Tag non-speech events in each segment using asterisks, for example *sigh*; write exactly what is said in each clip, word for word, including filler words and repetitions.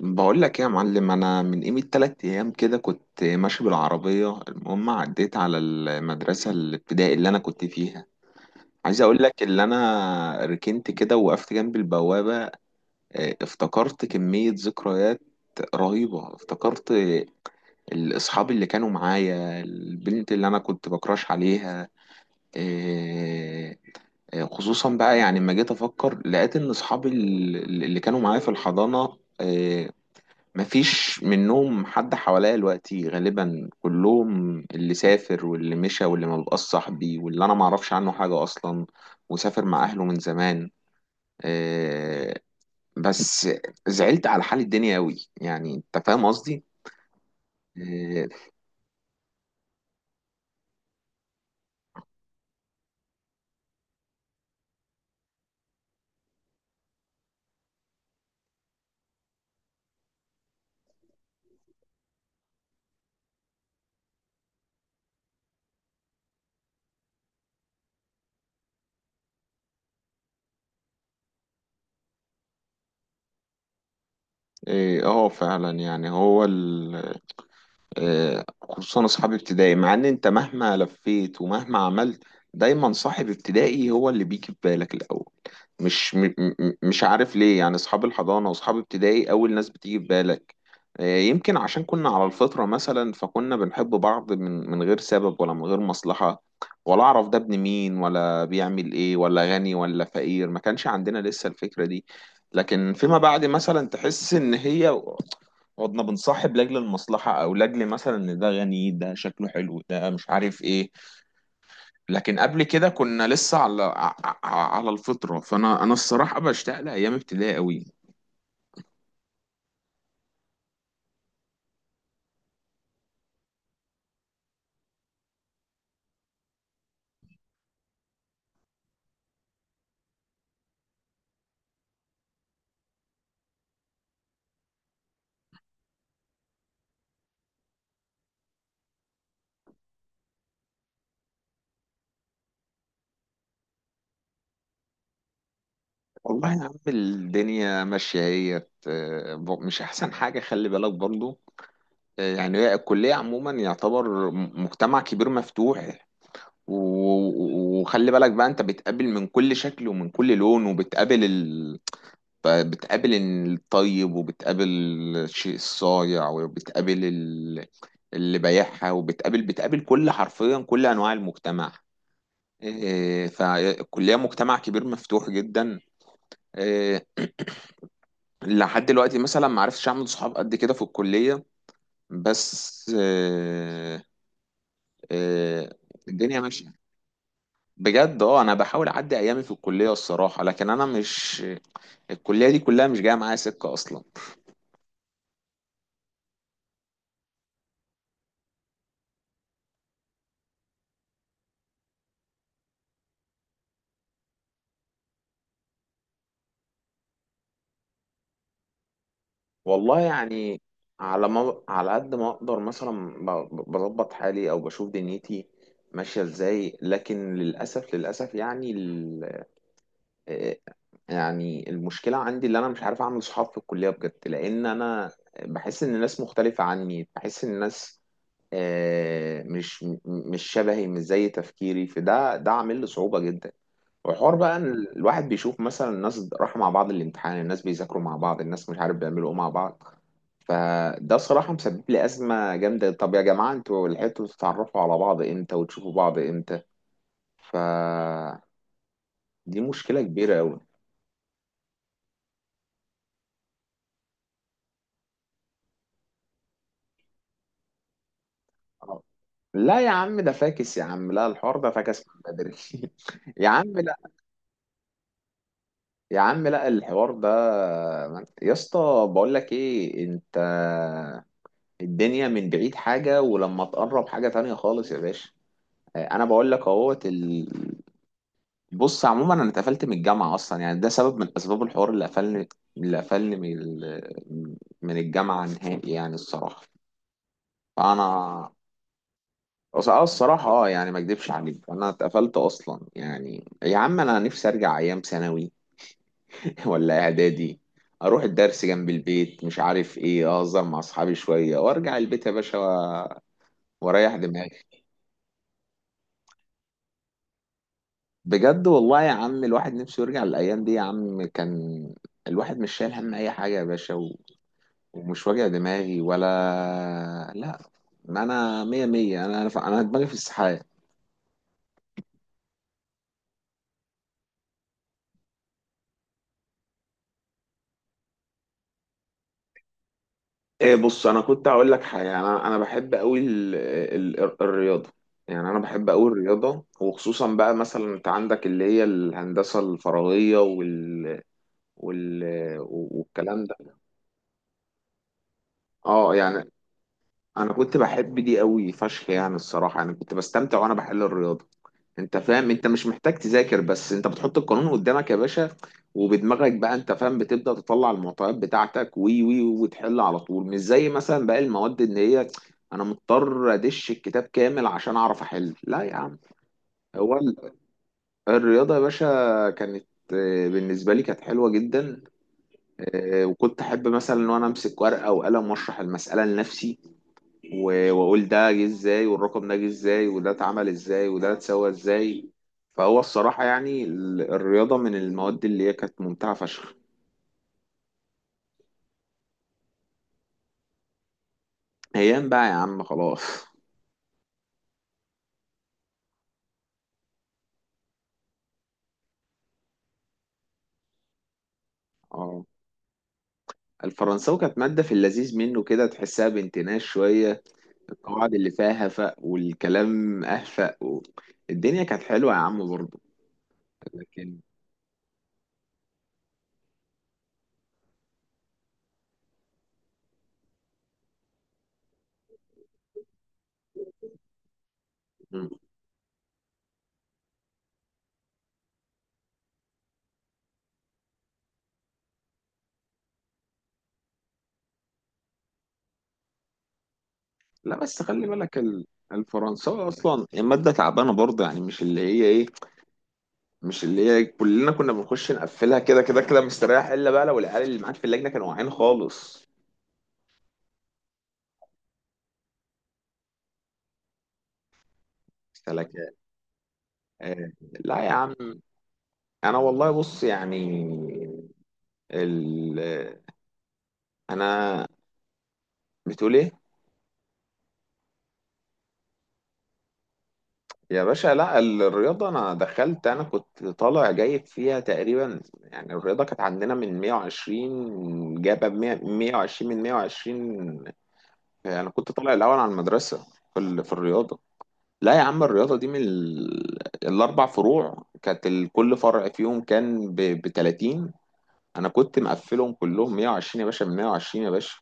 بقول لك إيه يا معلم، انا من قيمة تلات ايام كده كنت ماشي بالعربية. المهم عديت على المدرسة الابتدائي اللي انا كنت فيها. عايز اقول لك، اللي انا ركنت كده وقفت جنب البوابة. آه، افتكرت كمية ذكريات رهيبة. افتكرت الاصحاب اللي كانوا معايا، البنت اللي انا كنت بكراش عليها. آه، آه، خصوصا بقى يعني لما جيت افكر لقيت ان اصحابي ال- اللي كانوا معايا في الحضانة. آه، مفيش منهم حد حواليا دلوقتي، غالبا كلهم اللي سافر واللي مشى واللي ما بقاش صاحبي واللي انا ما اعرفش عنه حاجة اصلا وسافر مع اهله من زمان. آه، بس زعلت على حال الدنيا قوي. يعني انت فاهم قصدي؟ اه. آه، آه، آه، فعلا يعني هو، آه، خصوصا اصحاب ابتدائي. مع ان انت مهما لفيت ومهما عملت دايما صاحب ابتدائي هو اللي بيجي في بالك الاول. مش م م مش عارف ليه، يعني اصحاب الحضانه واصحاب ابتدائي اول ناس بتيجي في بالك. آه، يمكن عشان كنا على الفطره مثلا، فكنا بنحب بعض من من غير سبب ولا من غير مصلحه. ولا اعرف ده ابن مين ولا بيعمل ايه ولا غني ولا فقير، ما كانش عندنا لسه الفكره دي. لكن فيما بعد مثلا تحس ان هي قعدنا بنصاحب لاجل المصلحة، او لاجل مثلا ان ده غني، ده شكله حلو، ده مش عارف ايه. لكن قبل كده كنا لسه على ع- ع- على الفطرة. فانا انا الصراحة بشتاق لايام ابتدائي قوي. والله يا عم الدنيا ماشية هي، آه، ب- مش احسن حاجة، خلي بالك برضو. آه، يعني هي الكلية عموما يعتبر م- مجتمع كبير مفتوح. و- و- وخلي بالك بقى، انت بتقابل من كل شكل ومن كل لون، وبتقابل، فبتقابل الطيب، وبتقابل الشيء الصايع، وبتقابل ال- اللي بايعها، وبتقابل بتقابل كل، حرفيا كل انواع المجتمع. إيه، فالكليه مجتمع كبير مفتوح جدا. إيه، لحد دلوقتي مثلا ما عرفتش اعمل صحاب قد كده في الكليه. بس إيه، إيه، الدنيا ماشيه بجد. اه انا بحاول اعدي ايامي في الكليه الصراحه، لكن انا مش، الكليه دي كلها مش جايه معايا سكه اصلا. والله يعني على ما، على قد ما اقدر مثلا ب- بظبط حالي او بشوف دنيتي ماشيه ازاي، لكن للاسف، للاسف يعني ال... آه، يعني المشكله عندي اللي انا مش عارف اعمل صحاب في الكليه بجد، لان انا بحس ان الناس مختلفه عني، بحس ان الناس آه، مش مش شبهي، مش زي تفكيري، فده ده عامل لي صعوبه جدا. والحوار بقى إن الواحد بيشوف مثلا الناس راحوا مع بعض الامتحان، الناس بيذاكروا مع بعض، الناس مش عارف بيعملوا ايه مع بعض. فده صراحة مسبب لي أزمة جامدة. طب يا جماعة، انتوا لحقتوا تتعرفوا على بعض امتى وتشوفوا بعض امتى؟ فدي مشكلة كبيرة أوي. لا يا عم، ده فاكس يا عم، لا الحوار ده فاكس من بدري. *laughs* يا عم لا. يا عم لا، الحوار ده، يا اسطى بقول لك ايه انت، الدنيا من بعيد حاجة، ولما تقرب حاجة تانية خالص يا باشا. انا بقول لك اهوت ال... بص عموما انا اتقفلت من الجامعه اصلا، يعني ده سبب من اسباب الحوار اللي قفلني، اللي قفلني من ال... من الجامعه نهائي يعني الصراحه. فانا، أص- اه الصراحه اه، يعني ما اكدبش عليك انا اتقفلت اصلا. يعني يا عم انا نفسي ارجع ايام ثانوي *laughs* ولا اعدادي، اروح الدرس جنب البيت، مش عارف ايه، اهزر مع اصحابي شويه وارجع البيت يا باشا، و- واريح دماغي. بجد والله يا عم الواحد نفسه يرجع للأيام دي يا عم. كان الواحد مش شايل هم أي حاجة يا باشا و... ومش واجع دماغي ولا، لا، ما أنا مية مية. أنا أنا أنا دماغي في السحاب. إيه بص، أنا كنت هقول لك حاجة، أنا أنا بحب أوي ال... ال... ال- الرياضة. يعني أنا بحب أوي الرياضة، وخصوصا بقى مثلا أنت عندك اللي هي الهندسة الفراغية، وال... وال... والكلام ده. اه يعني انا كنت بحب دي قوي فشخ، يعني الصراحه يعني كنت بستمتع وانا بحل الرياضه. انت فاهم انت مش محتاج تذاكر، بس انت بتحط القانون قدامك يا باشا، وبدماغك بقى انت فاهم بتبدأ تطلع المعطيات بتاعتك، وي وي وتحل على طول. مش زي مثلا باقي المواد ان هي انا مضطر ادش الكتاب كامل عشان اعرف احل. لا يا عم، هو ال- الرياضة يا باشا كانت، آه، بالنسبة لي كانت حلوة جدا. آه، وكنت احب مثلا ان انا امسك ورقة وقلم واشرح المسألة لنفسي، و- واقول ده جه ازاي، والرقم ده جه ازاي، وده اتعمل ازاي، وده اتسوى ازاي. فهو الصراحة يعني ال- الرياضة من المواد اللي هي كانت ممتعة فشخ. ايام بقى يا عم خلاص. *laughs* اه الفرنساوي كانت مادة، في اللذيذ منه كده، تحسها بانتناش شوية. القواعد اللي فيها هفق، والكلام أهفق، و... الدنيا كانت حلوة يا عم برضه. لكن مم. لا بس خلي بالك ال... الفرنساوي أصلا المادة تعبانة برضه، يعني مش اللي هي إيه، مش اللي هي كلنا كنا بنخش نقفلها كده كده كده مستريح، الا بقى لو العيال اللي معاك في اللجنه كانوا واعيين خالص. سلكة. آه. لا يا عم. انا والله بص يعني ال... انا، بتقول ايه يا باشا؟ لا الرياضه انا دخلت، انا كنت طالع جايب فيها تقريبا يعني، الرياضه كانت عندنا من مية وعشرين جايبه ب مية، مية وعشرين من مية وعشرين. انا كنت طالع الاول على المدرسه في ال- في الرياضه. لا يا عم، الرياضة دي من ال... الأربع فروع كانت، ال- كل فرع فيهم كان ب تلاتين. أنا كنت مقفلهم كلهم مية وعشرين يا باشا، ب مية وعشرين يا باشا.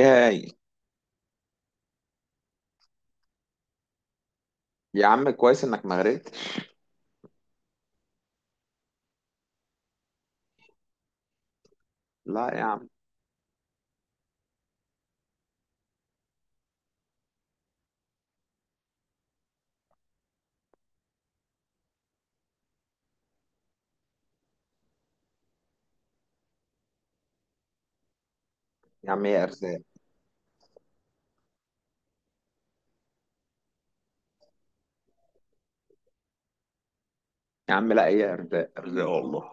ياي. يا عم كويس إنك ما غرقتش. لا يا عم. يا عم هي أرزاق. يا عم لا، هي أرزاق أرزاق والله.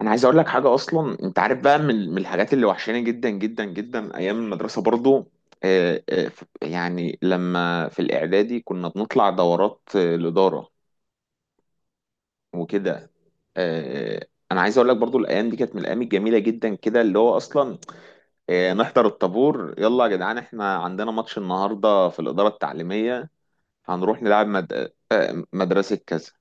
أنا عايز أقول لك حاجة، أصلا أنت عارف بقى، من من الحاجات اللي وحشاني جدا جدا جدا أيام المدرسة برضو، آه، آه، ف- يعني لما في الإعدادي كنا بنطلع دورات، آه، الإدارة وكده. آه، انا عايز اقول لك برضو الايام دي كانت من الايام الجميله جدا كده، اللي هو اصلا آه، نحضر الطابور، يلا يا جدعان احنا عندنا ماتش النهارده في الاداره التعليميه، هنروح نلعب مد... آه، مدرسه كذا.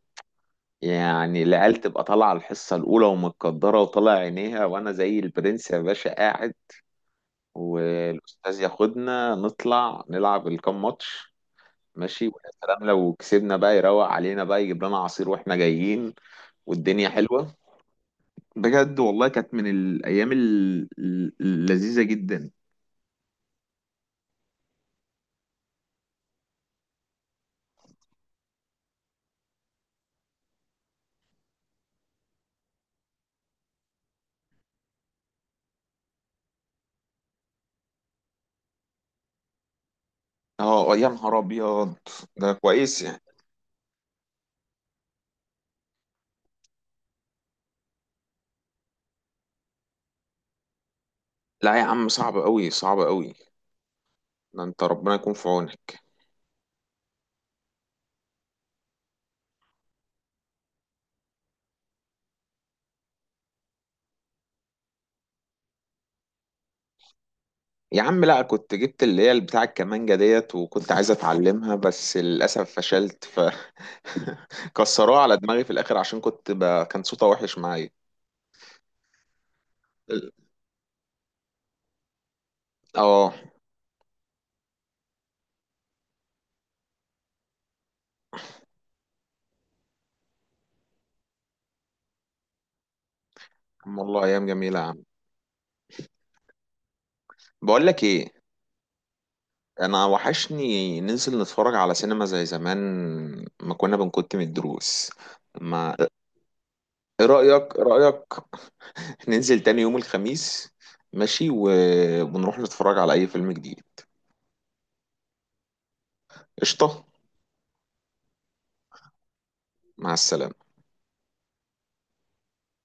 يعني العيال تبقى طالعه الحصه الاولى ومتقدره وطالع عينيها، وانا زي البرنس يا باشا قاعد، والاستاذ ياخدنا نطلع نلعب الكام ماتش. ماشي، ويا سلام لو كسبنا بقى يروق علينا بقى يجيب لنا عصير واحنا جايين. والدنيا حلوه، بجد والله كانت من الأيام ال- ال- اللذيذة جدا. اه يا نهار أبيض. ده كويس يعني. لا يا عم صعب أوي، صعب أوي، ده أنت ربنا يكون في عونك. يا عم لا، كنت جبت اللي هي بتاع الكمانجة ديت وكنت عايز أتعلمها، بس للأسف فشلت ف *laughs* كسروها على دماغي في الآخر عشان كنت ب... كان صوتها وحش معايا. اه والله أيام جميلة يا عم. بقول لك إيه، انا وحشني ننزل نتفرج على سينما زي زمان، ما كنا بنكت من الدروس، ما ايه رأيك، إيه رأيك ننزل تاني يوم الخميس ماشي و... ونروح نتفرج على اي فيلم جديد؟ قشطة. مع السلامة.